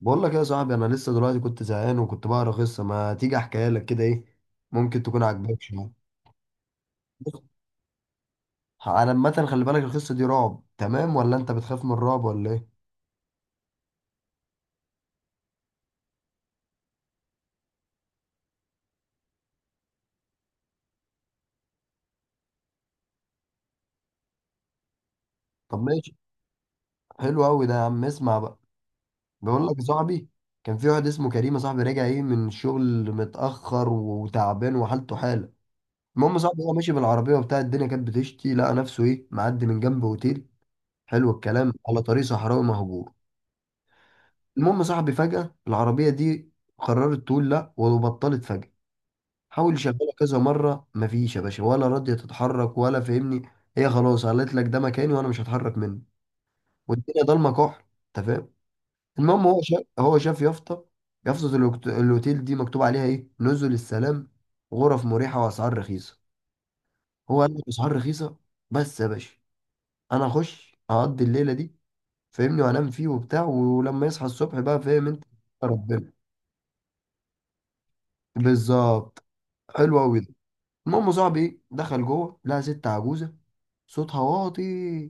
بقول لك إيه يا صاحبي؟ انا لسه دلوقتي كنت زهقان وكنت بقرا قصه. ما تيجي احكيها لك؟ كده ايه، ممكن تكون عاجباك شويه. بص، انا عامه خلي بالك القصه دي رعب. تمام، ولا انت بتخاف من الرعب ولا ايه؟ طب ماشي، حلو قوي ده يا عم. اسمع بقى، بقول لك يا صاحبي. كان في واحد اسمه كريم يا صاحبي، راجع ايه من الشغل متاخر وتعبان وحالته حاله. المهم يا صاحبي، هو ماشي بالعربيه وبتاع، الدنيا كانت بتشتي، لقى نفسه ايه معدي من جنب اوتيل. حلو الكلام، على طريق صحراوي مهجور. المهم صاحبي، فجأة العربية دي قررت تقول لا وبطلت فجأة. حاول يشغلها كذا مرة، مفيش يا باشا، ولا راضية تتحرك، ولا فاهمني. هي خلاص قالت لك ده مكاني وانا مش هتحرك منه. والدنيا ضلمة كحل، انت فاهم. المهم هو شاف يافطة. يافطة الاوتيل دي مكتوب عليها ايه، نزل السلام، غرف مريحة واسعار رخيصة. هو قال لك اسعار رخيصة. بس يا باشا، انا اخش اقضي الليلة دي، فاهمني، وانام فيه وبتاع، ولما يصحى الصبح بقى، فاهم انت. يا ربنا بالظبط، حلو قوي ده. المهم يا صاحبي ايه، دخل جوه، لقى ست عجوزه صوتها واطي،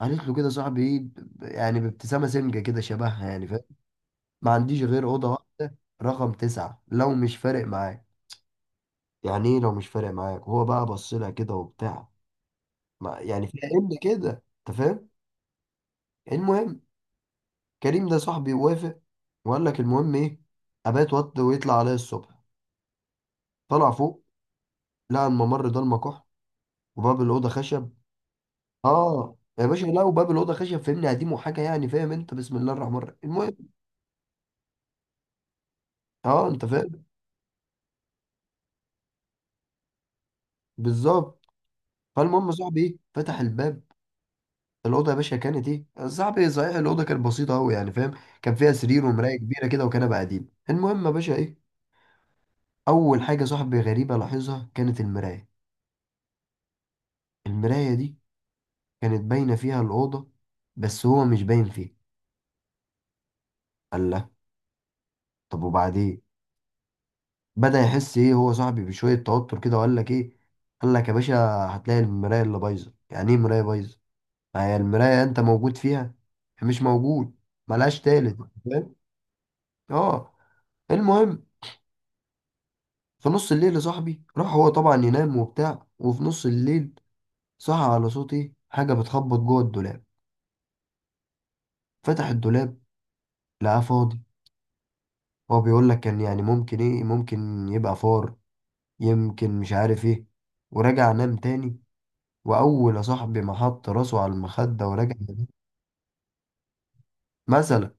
قالت له كده صاحبي ايه، يعني بابتسامه سمجه كده، شبهها يعني فاهم. ما عنديش غير اوضه واحده رقم 9 لو مش فارق معاك. يعني ايه لو مش فارق معاك؟ هو بقى بص لها كده وبتاع، ما يعني فاهم كده، انت فاهم. المهم، كريم ده صاحبي وافق، وقال لك المهم ايه، ابات وط ويطلع عليا الصبح. طلع فوق، لقى الممر ده المكح، وباب الاوضه خشب. اه يا باشا، لا وباب الاوضه خشب فاهمني، قديم وحاجه يعني فاهم انت. بسم الله الرحمن الرحيم. المهم، اه انت فاهم، بالظبط. فالمهم صاحبي ايه، فتح الباب. الاوضه يا باشا كانت ايه صاحبي؟ صحيح الاوضه كانت بسيطه قوي يعني فاهم. كان فيها سرير ومرايه كبيره كده وكنبه قديم. المهم يا باشا ايه، اول حاجه صاحبي غريبه لاحظها كانت المرايه. المرايه دي كانت باينه فيها الاوضه، بس هو مش باين فيها. قال لا، طب وبعدين؟ بدأ يحس ايه هو صاحبي بشوية توتر كده، وقال لك ايه، قال لك يا باشا، هتلاقي المراية اللي بايظة. يعني ايه مراية بايظة؟ ما هي المراية انت موجود فيها، مش موجود، ملهاش تالت. فاهم، اه. المهم، في نص الليل يا صاحبي، راح هو طبعا ينام وبتاع، وفي نص الليل صحى على صوت ايه، حاجة بتخبط جوه الدولاب. فتح الدولاب، لقاه فاضي. هو بيقول لك كان يعني ممكن ايه، ممكن يبقى فار، يمكن، مش عارف ايه. وراجع نام تاني. واول يا صاحبي ما حط راسه على المخده ورجع لبيته- مثلا،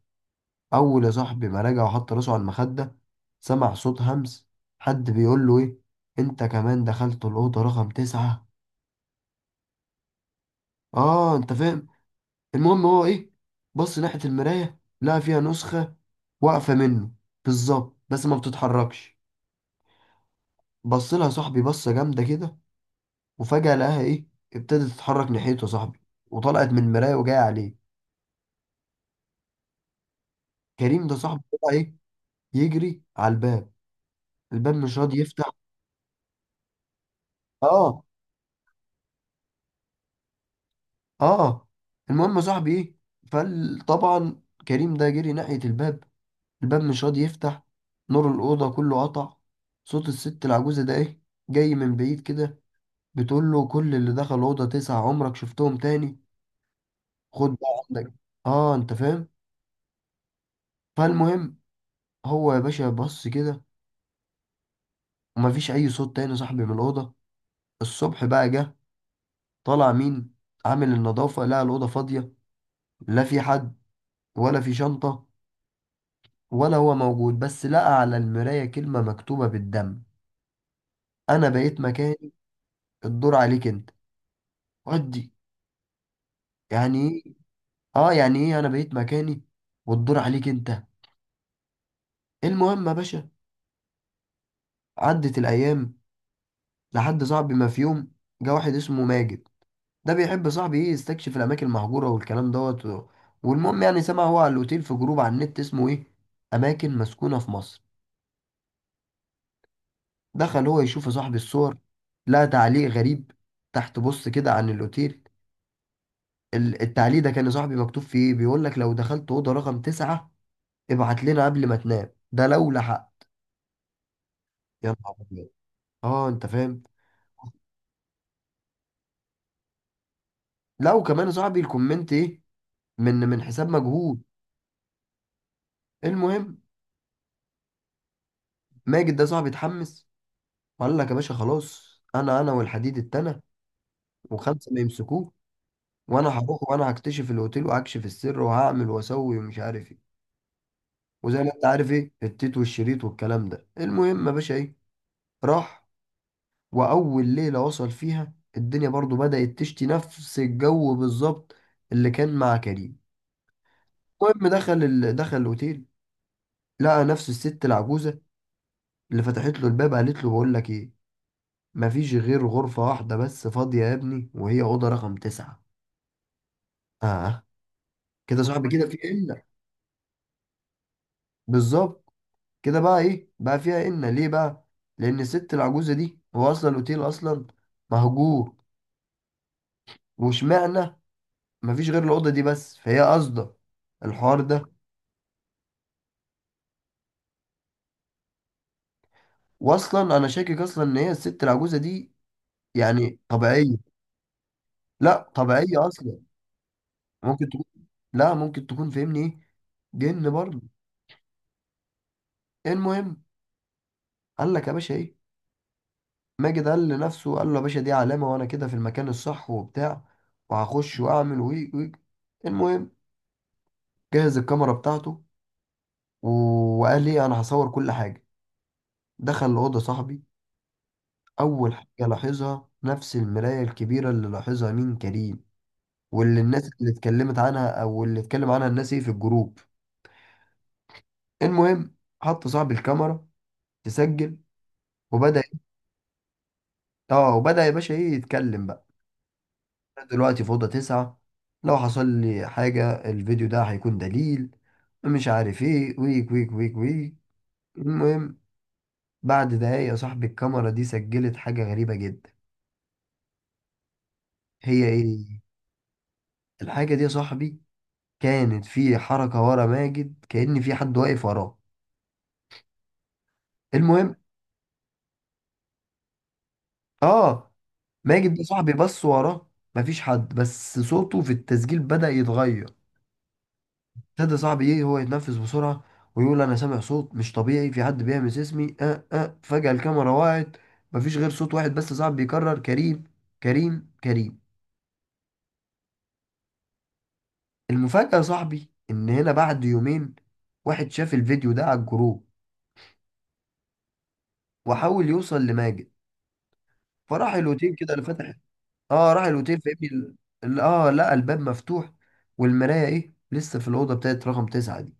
اول يا صاحبي ما رجع وحط راسه على المخده، سمع صوت همس، حد بيقول له ايه، انت كمان دخلت الاوضه رقم 9. اه انت فاهم. المهم هو ايه، بص ناحيه المرايه، لقى فيها نسخه واقفه منه بالظبط، بس ما بتتحركش. بص لها صاحبي بصه جامده كده، وفجاه لقاها ايه، ابتدت تتحرك ناحيته يا صاحبي، وطلعت من المرايه وجايه عليه. كريم ده صاحبي طلع ايه، يجري على الباب. الباب مش راضي يفتح. اه اه. المهم يا صاحبي ايه، فطبعا كريم ده جري ناحية الباب، الباب مش راضي يفتح، نور الأوضة كله قطع، صوت الست العجوزة ده ايه، جاي من بعيد كده، بتقول له كل اللي دخل الأوضة 9 عمرك شفتهم تاني. خد بقى عندك، اه انت فاهم. فالمهم، هو يا باشا بص كده، ومفيش أي صوت تاني يا صاحبي من الأوضة. الصبح بقى جه، طالع مين، عامل النظافة، لقى الأوضة فاضية. لا في حد، ولا في شنطة، ولا هو موجود. بس لقى على المراية كلمة مكتوبة بالدم: أنا بقيت مكاني، الدور عليك أنت. ودي يعني إيه؟ آه، يعني إيه أنا بقيت مكاني والدور عليك أنت. المهم يا باشا، عدت الأيام، لحد صاحبي ما في يوم جه واحد اسمه ماجد. ده بيحب صاحبي إيه، يستكشف الأماكن المهجورة والكلام دوت والمهم يعني، سمع هو على الأوتيل في جروب على النت اسمه إيه، أماكن مسكونة في مصر. دخل هو يشوف يا صاحبي الصور، لقى تعليق غريب تحت، بص كده، عن الأوتيل. التعليق ده كان لصاحبي مكتوب فيه ايه، بيقول لك لو دخلت اوضه رقم 9 ابعت لنا قبل ما تنام، ده لو لحق. يا نهار ابيض، اه انت فاهم. لا وكمان يا صاحبي الكومنت ايه، من حساب مجهول. المهم، ماجد ده صاحبي اتحمس، وقال لك يا باشا خلاص، انا والحديد التاني وخمسه ما يمسكوه، وانا هروح وانا هكتشف الاوتيل وهكشف السر وهعمل واسوي ومش عارف ايه، وزي ما انت عارف ايه، التيت والشريط والكلام ده. المهم يا باشا ايه، راح. وأول ليلة وصل فيها، الدنيا برضو بدأت تشتي، نفس الجو بالظبط اللي كان مع كريم. المهم، دخل الأوتيل، لقى نفس الست العجوزة اللي فتحت له الباب، قالت له بقول لك إيه، مفيش غير غرفة واحدة بس فاضية يا ابني وهي أوضة رقم 9. آه، كده صاحبي كده في قلة. بالظبط، كده بقى إيه، بقى فيها قلة ليه بقى؟ لأن الست العجوزة دي، هو أصلا الأوتيل أصلا مهجور، واشمعنى مفيش غير الأوضة دي بس، فهي قصده الحوار ده. واصلا انا شاكك اصلا ان هي الست العجوزه دي يعني طبيعيه، لا طبيعيه اصلا، ممكن تكون، لا ممكن تكون فاهمني ايه، جن برضه. المهم، قال لك يا باشا ايه، ماجد قال لنفسه، قال له يا باشا دي علامه، وانا كده في المكان الصح وبتاع، وهخش واعمل وي وي. المهم، جهز الكاميرا بتاعته و- وقال ايه انا هصور كل حاجه. دخل الاوضه صاحبي، اول حاجه لاحظها نفس المرايه الكبيره اللي لاحظها مين، كريم، واللي الناس اللي اتكلمت عنها، او اللي اتكلم عنها الناس ايه في الجروب. المهم، حط صاحب الكاميرا تسجل، وبدأ. اه، وبدأ يا باشا ايه يتكلم بقى، أنا دلوقتي في أوضة 9، لو حصل لي حاجة الفيديو ده هيكون دليل، مش عارف ايه، ويك ويك ويك ويك. المهم، بعد دقايق يا صاحبي الكاميرا دي سجلت حاجة غريبة جدا. هي ايه الحاجة دي يا صاحبي؟ كانت في حركة ورا ماجد، كأن في حد واقف وراه. المهم، اه، ماجد ده صاحبي بص وراه، مفيش حد، بس صوته في التسجيل بدأ يتغير. ابتدى صاحبي ايه، هو يتنفس بسرعة، ويقول انا سامع صوت مش طبيعي، في حد بيهمس اسمي. اه اه، فجأة الكاميرا وقعت، مفيش غير صوت واحد بس صاحبي بيكرر، كريم كريم كريم. المفاجأة صاحبي ان هنا بعد يومين، واحد شاف الفيديو ده على الجروب، وحاول يوصل لماجد، فراح الأوتيل كده اللي فتح. اه راح الأوتيل فاهمني، لقى الباب مفتوح، والمراية ايه لسه في الأوضة بتاعت رقم 9 دي.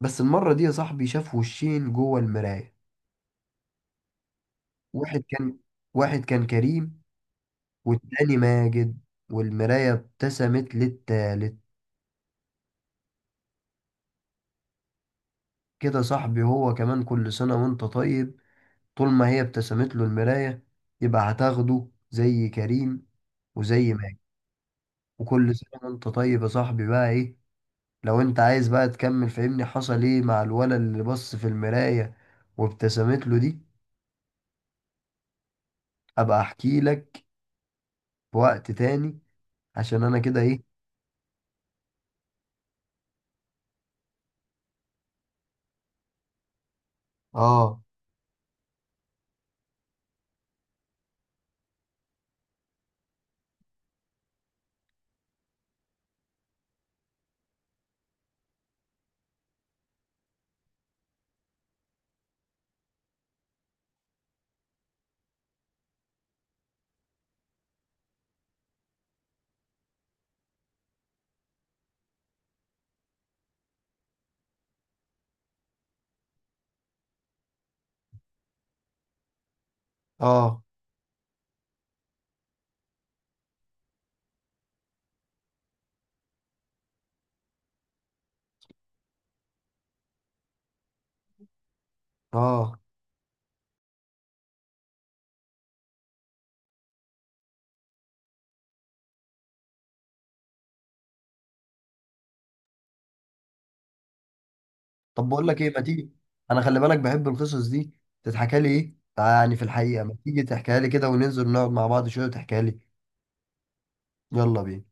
بس المرة دي يا صاحبي شاف وشين جوه المراية. واحد كان واحد كان كريم، والتاني ماجد، والمراية ابتسمت للتالت. كده صاحبي، هو كمان كل سنة وانت طيب. طول ما هي ابتسمت له المراية، يبقى هتاخده زي كريم وزي ماجد. وكل سنة وانت طيب يا صاحبي بقى ايه. لو انت عايز بقى تكمل فهمني حصل ايه مع الولد اللي بص في المراية وابتسمت له دي، ابقى احكي لك في وقت تاني، عشان انا كده ايه. اه اه اه، طب بقول لك ايه، ما تيجي، انا خلي بالك بحب القصص دي تتحكى لي ايه، يعني في الحقيقه، ما تيجي تحكيها لي كده، وننزل نقعد مع بعض شويه وتحكيها لي. يلا بينا.